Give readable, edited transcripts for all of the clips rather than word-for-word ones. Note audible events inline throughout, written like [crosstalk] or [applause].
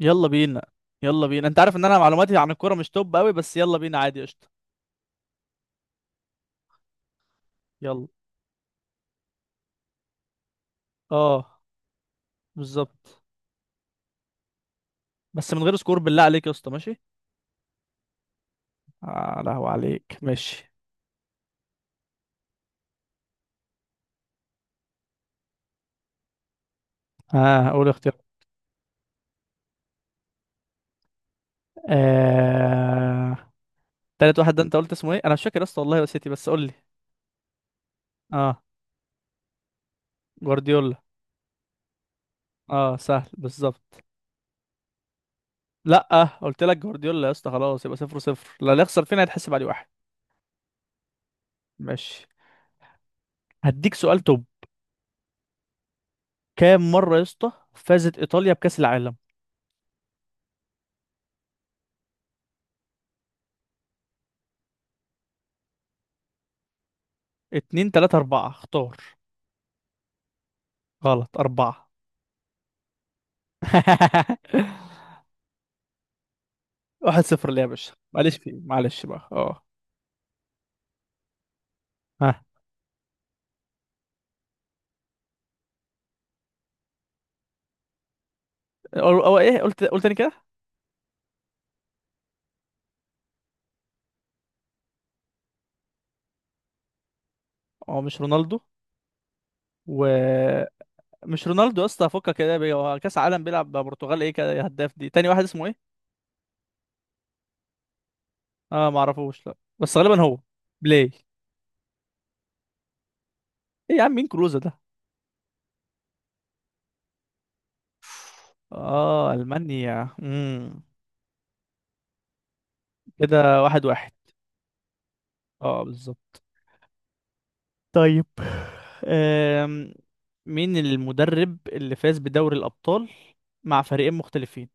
يلا بينا يلا بينا انت عارف ان انا معلوماتي عن الكوره مش توب قوي، بس يلا بينا عادي قشطه. يلا. اه، بالظبط. بس من غير سكور بالله عليك يا اسطى، ماشي. آه، لهو عليك ماشي. ها، آه، قول اختيار. آه... تالت واحد ده انت قلت اسمه ايه؟ انا مش فاكر يا اسطى والله، نسيتي بس قول لي. اه، جوارديولا. اه سهل بالظبط. لا آه قلت لك جوارديولا يا اسطى، خلاص يبقى صفر صفر. لا، اللي يخسر فينا هيتحسب عليه واحد. ماشي. هديك سؤال توب. كام مره يا اسطى فازت ايطاليا بكاس العالم؟ اتنين، تلاتة، أربعة، اختار. غلط، أربعة. [laughs] واحد صفر ليه يا باشا؟ معلش، فيه معلش بقى. اه. ها. هو ايه؟ قلت تاني كده. هو مش رونالدو، ومش رونالدو يا اسطى، فكك كده بيه. هو كأس عالم بيلعب مع البرتغال، ايه كده؟ إيه هداف دي تاني؟ واحد اسمه ايه. اه ما اعرفوش، لا بس غالبا هو بلاي. ايه يا عم؟ مين كلوزا ده؟ اه، المانيا. كده واحد واحد. اه، بالظبط. طيب. أم... مين المدرب اللي فاز بدوري الأبطال مع فريقين مختلفين؟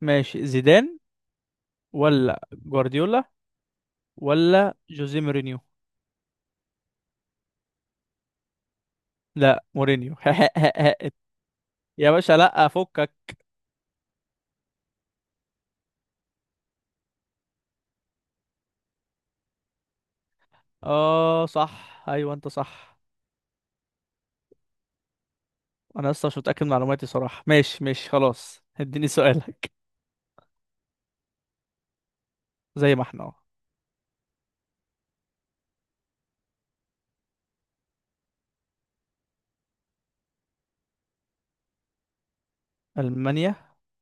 ماشي، زيدان ولا جوارديولا ولا جوزيه مورينيو. لا مورينيو. [laughs] يا باشا لا فكك. اه صح، ايوه انت صح. انا اصلا مش متاكد من معلوماتي صراحه. ماشي ماشي خلاص، اديني سؤالك. زي ما احنا اهو. المانيا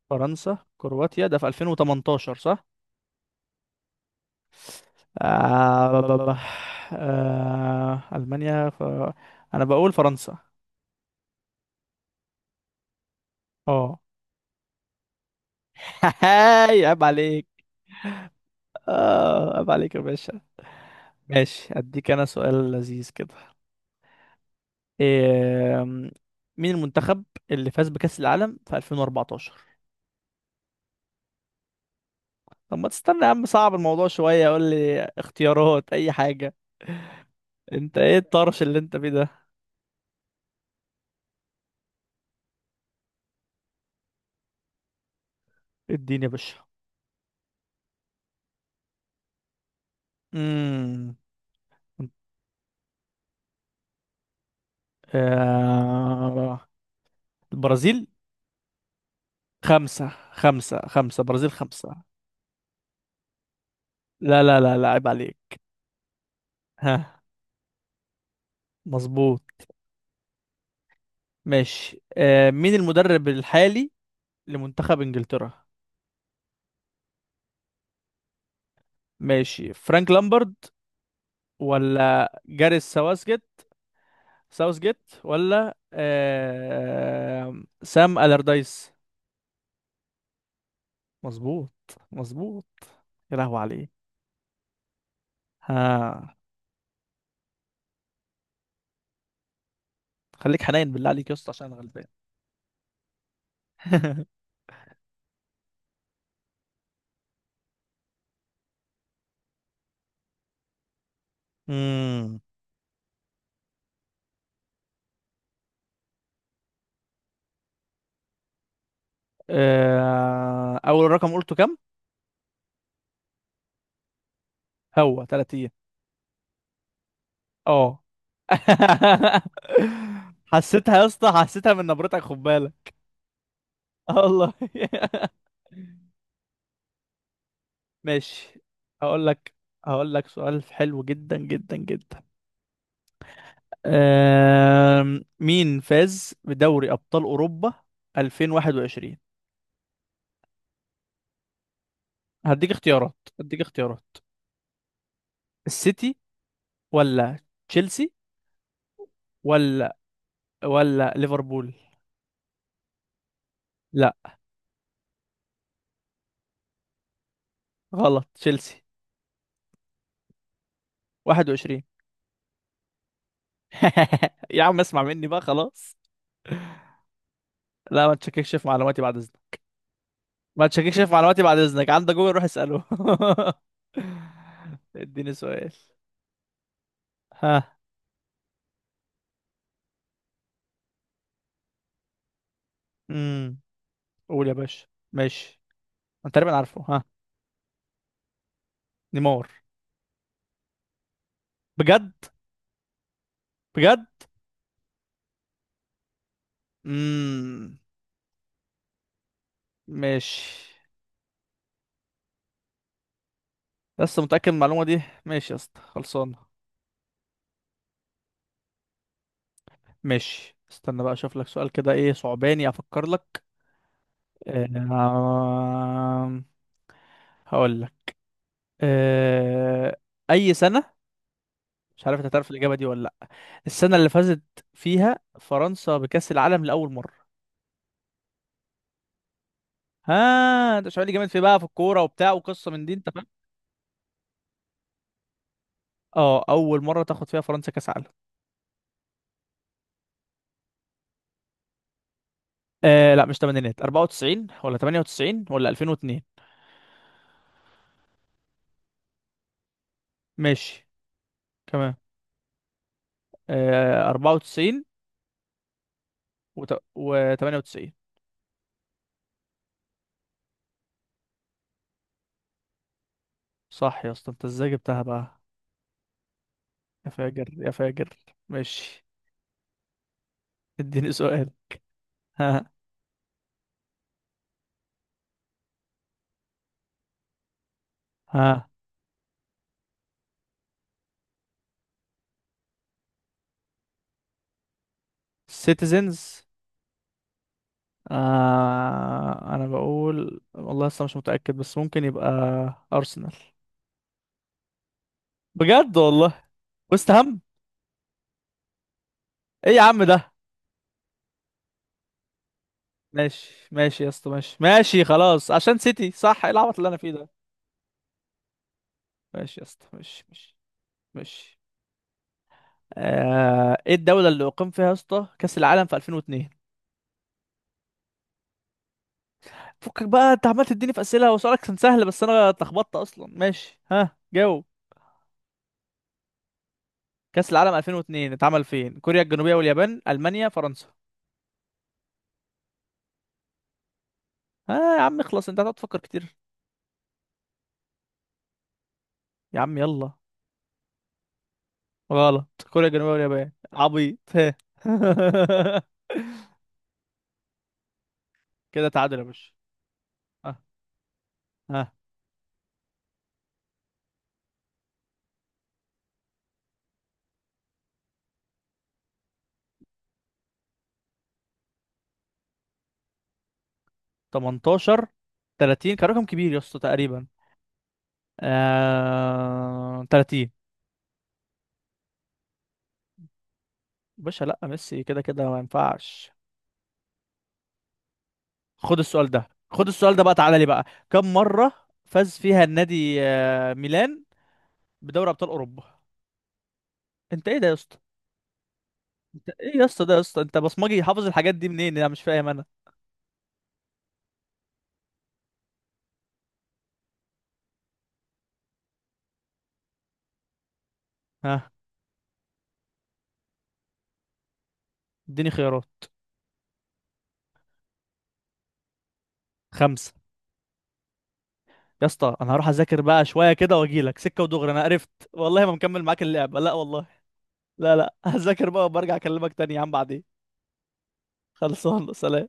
فرنسا كرواتيا ده في 2018 صح؟ آه... المانيا انا بقول فرنسا. اه. [laughs] هاي عيب عليك. اه عيب عليك يا باشا. ماشي، اديك انا سؤال لذيذ كده. إيه؟ مين المنتخب اللي فاز بكأس العالم في 2014؟ طب ما تستنى يا عم، صعب الموضوع شوية، قول لي اختيارات اي حاجة. انت ايه الطرش اللي انت فيه ده؟ اديني يا باشا. امم آه... البرازيل. خمسة، خمسة، خمسة، برازيل خمسة. لا لا لا لا، عيب عليك. ها، مظبوط. ماشي. مين المدرب الحالي لمنتخب انجلترا؟ ماشي، فرانك لامبرد ولا جاريث ساوثجيت. ساوثجيت ولا سام ألردايس. مظبوط. مظبوط. يا لهوي عليه. ها. خليك حنين بالله عليك يا اسطى، عشان انا غلبان. [laughs] امم اول رقم قلته كام؟ هو 30؟ اه. [laughs] حسيتها يا اسطى، حسيتها من نبرتك، خد بالك. اه والله. [laughs] ماشي. هقول لك، هقول لك سؤال حلو جدا جدا جدا. مين فاز بدوري أبطال أوروبا 2021؟ هديك اختيارات، هديك اختيارات. السيتي ولا تشيلسي ولا ولا ليفربول. لا. غلط، تشيلسي 21. [laughs] يا عم اسمع مني بقى خلاص. لا، ما تشككش في معلوماتي بعد إذنك. ما تشككش في معلوماتي بعد إذنك، عندك جوجل روح اسأله. [laughs] اديني سؤال. ها. امم قول يا باشا. ماشي، انا تقريبا عارفه. ها. نيمار. بجد. بجد. امم ماشي. لسه متأكد من المعلومة دي؟ ماشي يا اسطى، خلصانة. ماشي، استنى بقى اشوف لك سؤال كده، ايه صعباني افكر لك. آه... هقول لك. آه... اي سنة؟ مش عارف انت هتعرف الاجابة دي ولا لا. السنة اللي فازت فيها فرنسا بكأس العالم لأول مرة. ها، انت مش عارف؟ جامد في بقى في الكورة وبتاع وقصة من دي، انت فاهم. اه، اول مرة تاخد فيها فرنسا كأس عالم. آه لا، مش تمانينات. 94 ولا 98 ولا 2002. ماشي. تمام. آه، 94 و 98. صح يا اسطى، انت ازاي جبتها بقى؟ يا فاجر يا فاجر. ماشي، اديني سؤال. [laughs] ها. ها. سيتيزنز. آه، انا بقول والله لسه مش متأكد، بس ممكن يبقى ارسنال. بجد والله. وست هام. ايه يا عم ده؟ ماشي ماشي يا اسطى ماشي ماشي خلاص، عشان سيتي صح. ايه العبط اللي انا فيه ده؟ ماشي يا اسطى، ماشي ماشي ماشي. ايه الدولة اللي أقيم فيها يا اسطى كأس العالم في 2002؟ فكك بقى، انت عمال تديني في أسئلة وسؤالك كان سهل بس انا اتلخبطت اصلا. ماشي، ها جاوب. كأس العالم 2002 اتعمل فين؟ كوريا الجنوبية واليابان، ألمانيا، فرنسا؟ ها يا عم اخلص، انت هتقعد تفكر كتير. يا عم يلا. غلط، كوريا الجنوبية واليابان عبيط. ها. [laughs] كده تعادل يا باشا. ها. ها. 18، 30 كان رقم كبير يا اسطى تقريبا. 30. باشا لا، ميسي كده كده ما ينفعش. خد السؤال ده، خد السؤال ده بقى، تعالى لي بقى. كم مرة فاز فيها النادي ميلان بدوري ابطال اوروبا؟ انت ايه ده يا اسطى؟ انت ايه يا اسطى ده يا اسطى، انت بصمجي، حافظ الحاجات دي منين؟ انا مش فاهم انا. ها. اديني خيارات. خمسة. يا اسطى انا هروح اذاكر بقى شوية كده واجيلك سكة ودغري، انا قرفت والله ما مكمل معاك اللعبة، لا والله. لا لا. [laughs] هذاكر بقى وبرجع اكلمك تاني يا عم بعدين. خلصان، سلام.